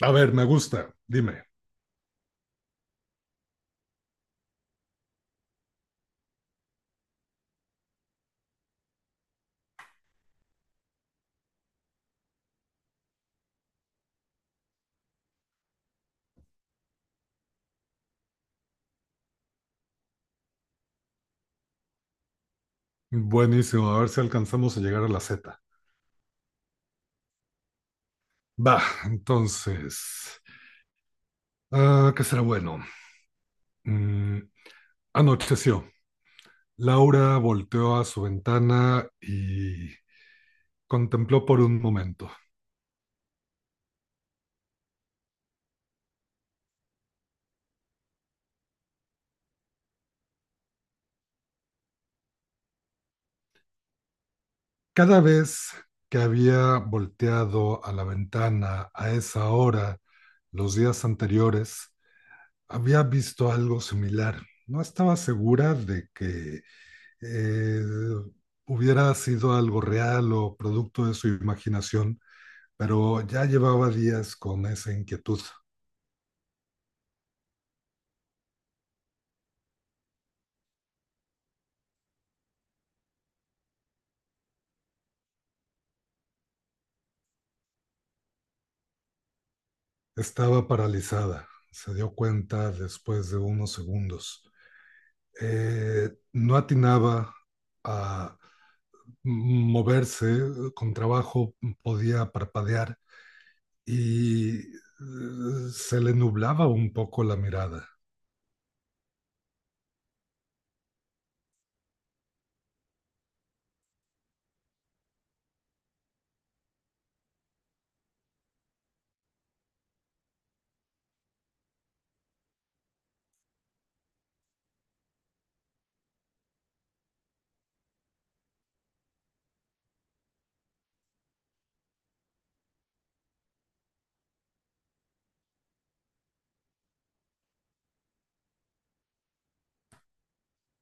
A ver, me gusta. Dime. Buenísimo. A ver si alcanzamos a llegar a la Z. Va, entonces. ¿Qué será bueno? Mm, anocheció. Laura volteó a su ventana y contempló por un momento. Cada vez que había volteado a la ventana a esa hora, los días anteriores, había visto algo similar. No estaba segura de que eh, hubiera sido algo real o producto de su imaginación, pero ya llevaba días con esa inquietud. Estaba paralizada, se dio cuenta después de unos segundos. No atinaba a moverse, con trabajo podía parpadear y se le nublaba un poco la mirada.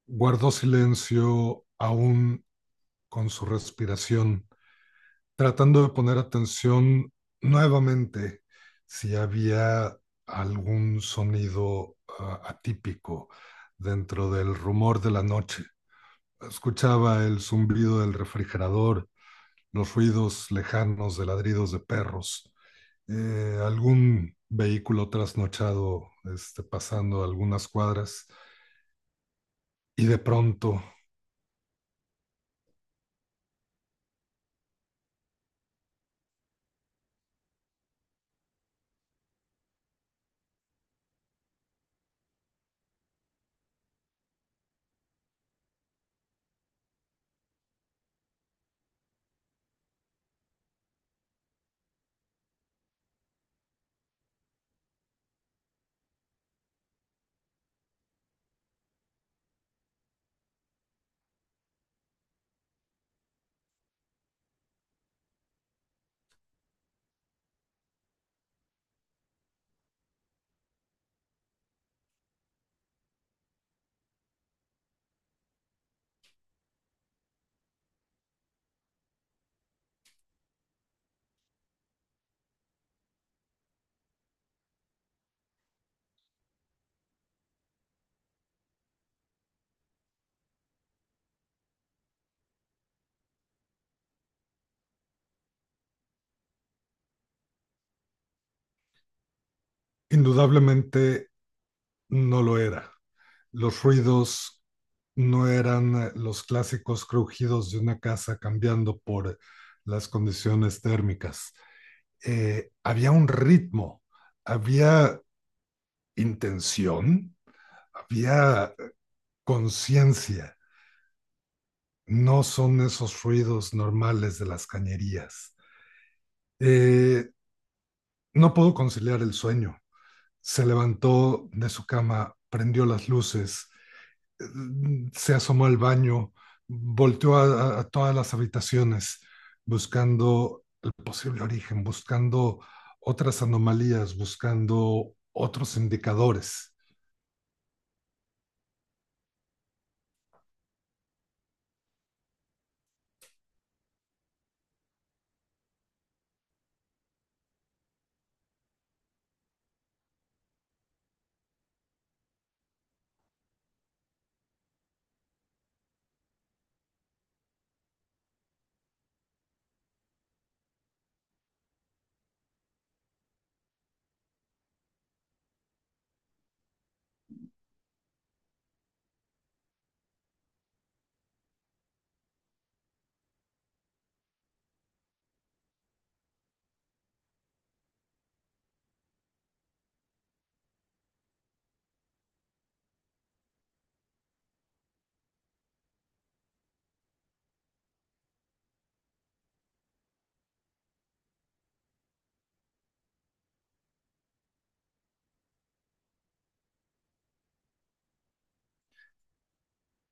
Guardó silencio aún con su respiración tratando de poner atención nuevamente si había algún sonido atípico dentro del rumor de la noche. Escuchaba el zumbido del refrigerador, los ruidos lejanos de ladridos de perros, algún vehículo trasnochado este, pasando algunas cuadras y de pronto, indudablemente, no lo era. Los ruidos no eran los clásicos crujidos de una casa cambiando por las condiciones térmicas. Había un ritmo, había intención, había conciencia. No son esos ruidos normales de las cañerías. Eh, no pudo conciliar el sueño. Se levantó de su cama, prendió las luces, se asomó al baño, volteó a todas las habitaciones buscando el posible origen, buscando otras anomalías, buscando otros indicadores,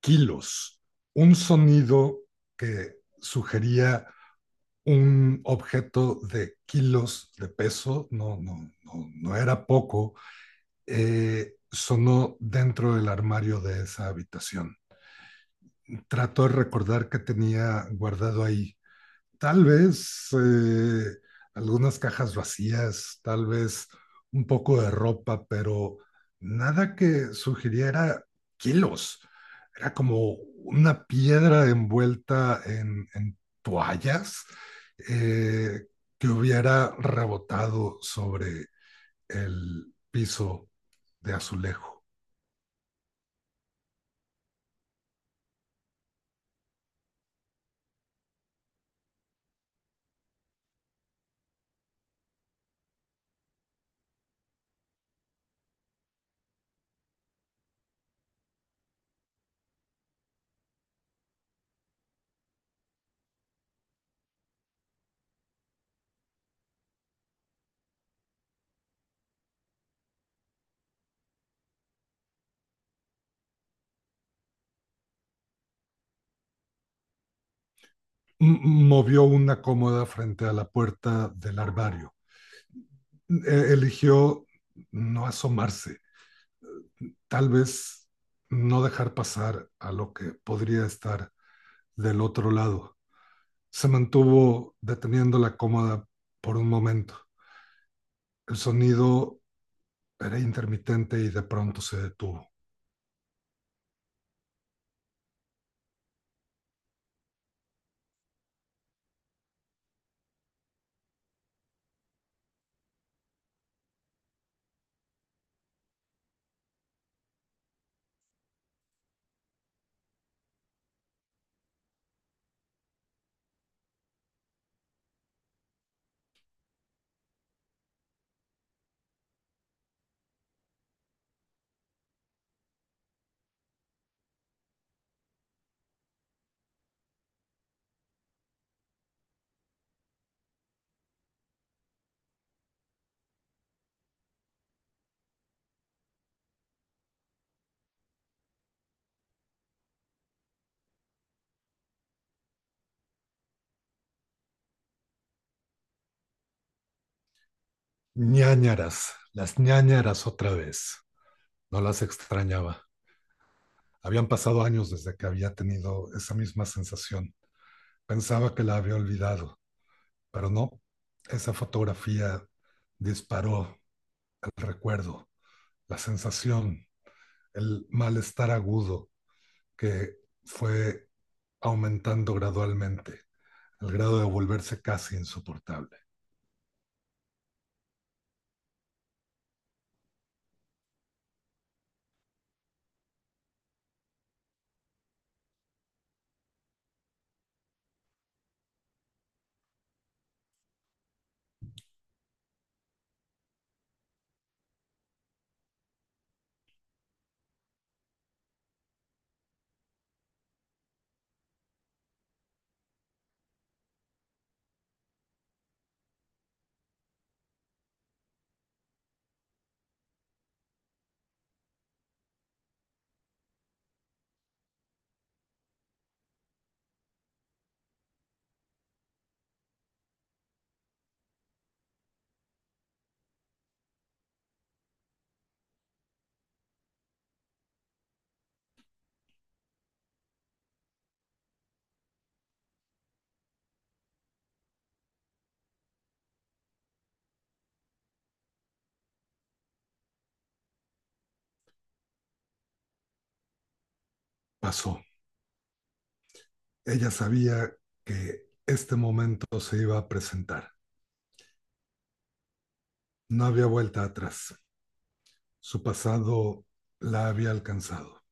kilos, un sonido que sugería un objeto de kilos de peso, no, no, no, no era poco, sonó dentro del armario de esa habitación. Trató de recordar qué tenía guardado ahí. Tal vez algunas cajas vacías, tal vez un poco de ropa, pero nada que sugiriera kilos. Era como una piedra envuelta en toallas eh, que hubiera rebotado sobre el piso de azulejo. Movió una cómoda frente a la puerta del armario. Eligió no asomarse, tal vez no dejar pasar a lo que podría estar del otro lado. Se mantuvo deteniendo la cómoda por un momento. El sonido era intermitente y de pronto se detuvo. Ñañaras, las ñañaras otra vez. No las extrañaba. Habían pasado años desde que había tenido esa misma sensación. Pensaba que la había olvidado, pero no. Esa fotografía disparó el recuerdo, la sensación, el malestar agudo que fue aumentando gradualmente, al grado de volverse casi insoportable. Pasó. Ella sabía que este momento se iba a presentar. No había vuelta atrás. Su pasado la había alcanzado.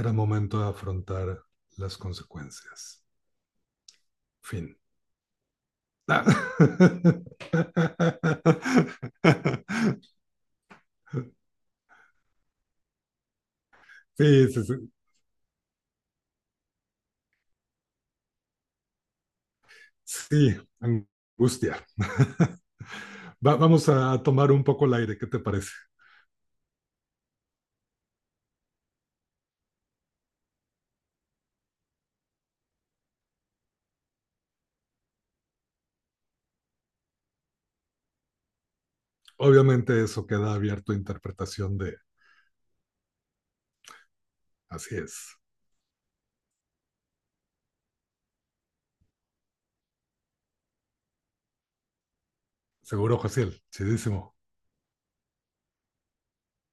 Era momento de afrontar las consecuencias. Fin. Ah. Sí, sí, sí. Sí, angustia. Vamos a tomar un poco el aire, ¿qué te parece? Obviamente eso queda abierto a interpretación de así es. Seguro, Jaciel, chidísimo.